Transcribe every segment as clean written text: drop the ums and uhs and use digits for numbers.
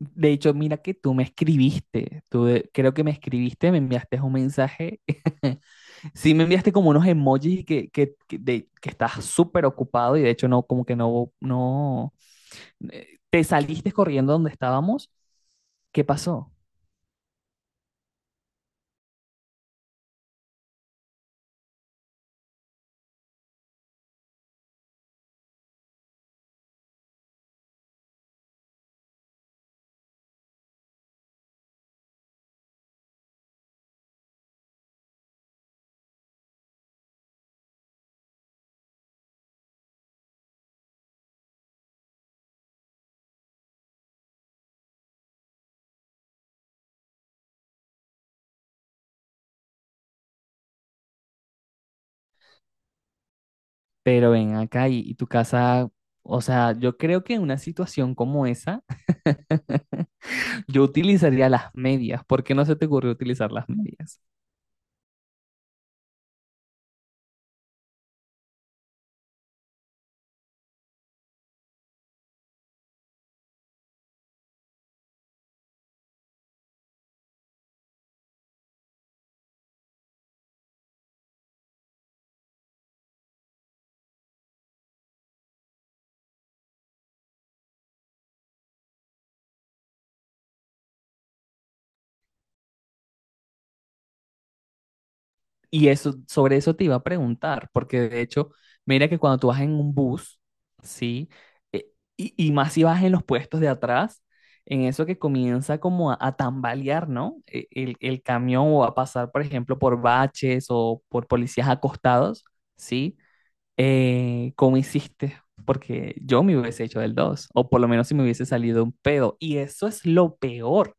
De hecho, mira que tú me escribiste, creo que me escribiste, me enviaste un mensaje, sí me enviaste como unos emojis y que estás súper ocupado y de hecho no, como que no, no, te saliste corriendo donde estábamos, ¿qué pasó? Pero ven acá y tu casa, o sea, yo creo que en una situación como esa, yo utilizaría las medias, ¿por qué no se te ocurrió utilizar las medias? Y eso, sobre eso te iba a preguntar, porque de hecho, mira que cuando tú vas en un bus, ¿sí? Eh, y más si vas en los puestos de atrás, en eso que comienza como a tambalear, ¿no? El camión o a pasar, por ejemplo, por baches o por policías acostados, ¿sí? ¿Cómo hiciste? Porque yo me hubiese hecho del 2 o por lo menos si me hubiese salido un pedo. Y eso es lo peor,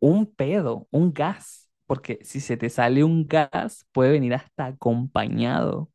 un pedo, un gas, porque si se te sale un gas, puede venir hasta acompañado.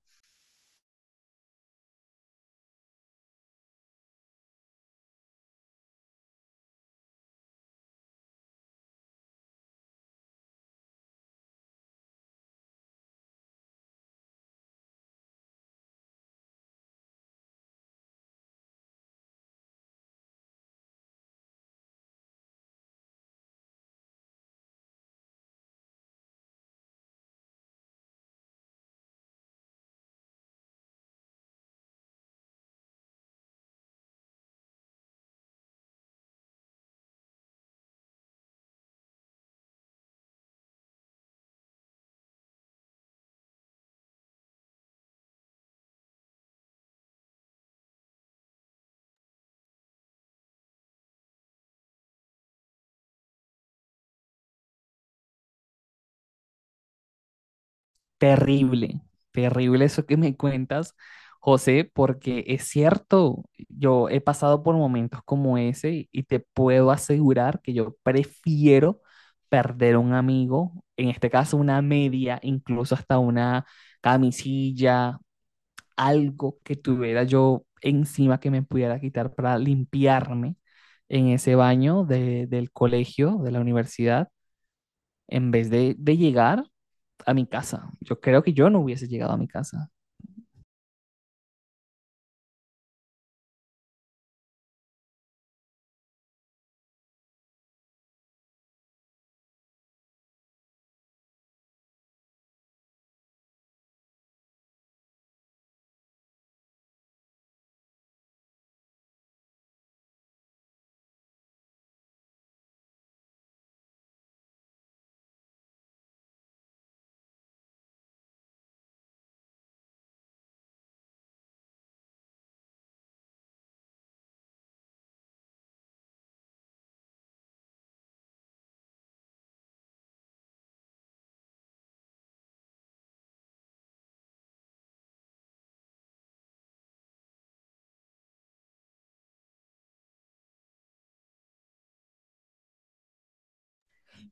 Terrible, terrible eso que me cuentas, José, porque es cierto, yo he pasado por momentos como ese y te puedo asegurar que yo prefiero perder un amigo, en este caso una media, incluso hasta una camisilla, algo que tuviera yo encima que me pudiera quitar para limpiarme en ese baño del colegio, de la universidad, en vez de llegar a mi casa. Yo creo que yo no hubiese llegado a mi casa,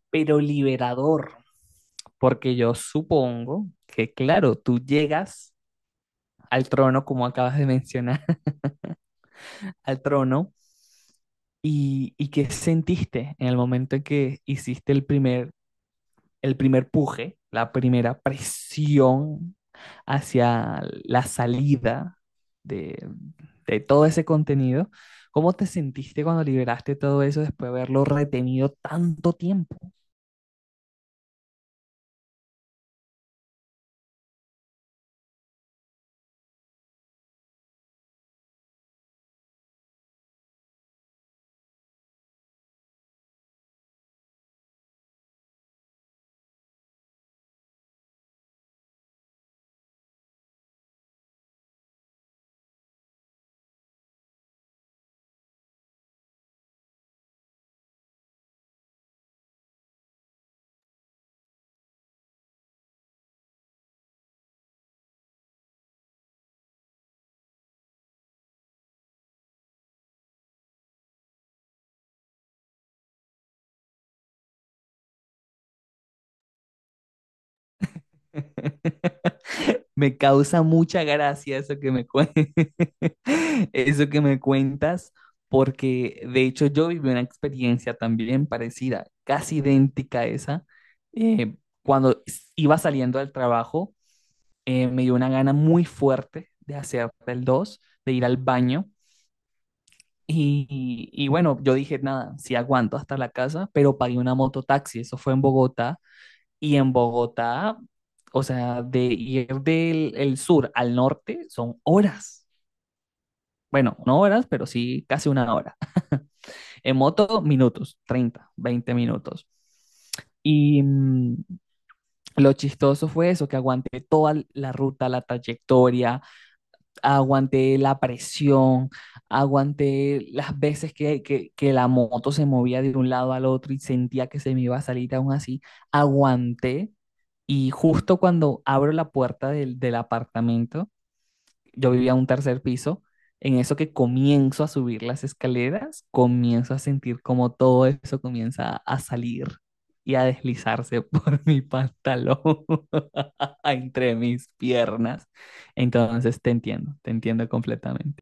pero liberador, porque yo supongo que, claro, tú llegas al trono, como acabas de mencionar, al trono, y qué sentiste en el momento en que hiciste el primer puje, la primera presión hacia la salida de, de todo ese contenido, ¿cómo te sentiste cuando liberaste todo eso después de haberlo retenido tanto tiempo? Me causa mucha gracia eso eso que me cuentas, porque de hecho yo viví una experiencia también parecida, casi idéntica a esa, eh, cuando iba saliendo del trabajo me dio una gana muy fuerte de hacer el 2 de ir al baño. Y bueno, yo dije, nada, sí aguanto hasta la casa, pero pagué una mototaxi, eso fue en Bogotá. Y en Bogotá, o sea, de ir del el sur al norte son horas. Bueno, no horas, pero sí casi una hora. En moto, minutos, 30 20 minutos. Y mmm, lo chistoso fue eso, que aguanté toda la ruta, la trayectoria, aguanté la presión, aguanté las veces que la moto se movía de un lado al otro y sentía que se me iba a salir aún así, aguanté y justo cuando abro la puerta del apartamento, yo vivía en un tercer piso. En eso que comienzo a subir las escaleras, comienzo a sentir como todo eso comienza a salir y a deslizarse por mi pantalón entre mis piernas. Entonces te entiendo completamente.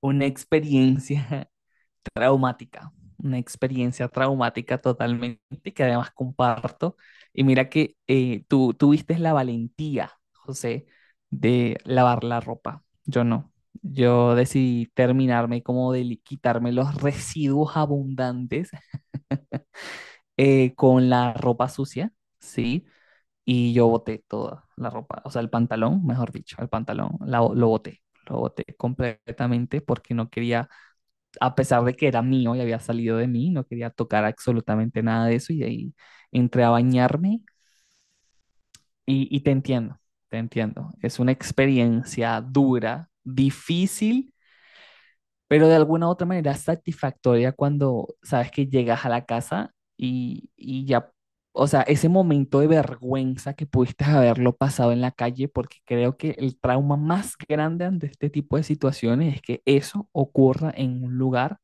Una experiencia traumática, una experiencia traumática totalmente que además comparto. Y mira que tú tuviste la valentía, José, de lavar la ropa. Yo no. Yo decidí terminarme como quitarme los residuos abundantes con la ropa sucia, ¿sí? Y yo boté toda la ropa, o sea, el pantalón, mejor dicho, el pantalón, lo boté completamente porque no quería, a pesar de que era mío y había salido de mí, no quería tocar absolutamente nada de eso y de ahí entré a bañarme y te entiendo, te entiendo. Es una experiencia dura, difícil, pero de alguna u otra manera satisfactoria cuando sabes que llegas a la casa y ya, o sea, ese momento de vergüenza que pudiste haberlo pasado en la calle, porque creo que el trauma más grande ante este tipo de situaciones es que eso ocurra en un lugar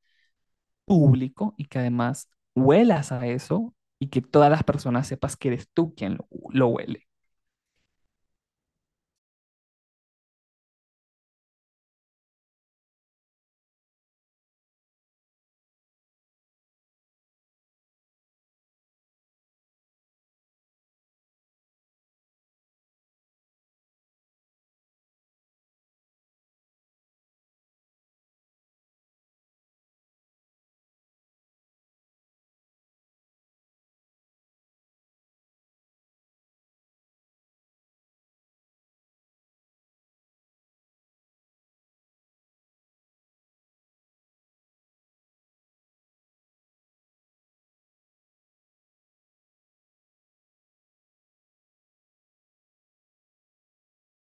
público y que además huelas a eso y que todas las personas sepas que eres tú quien lo huele.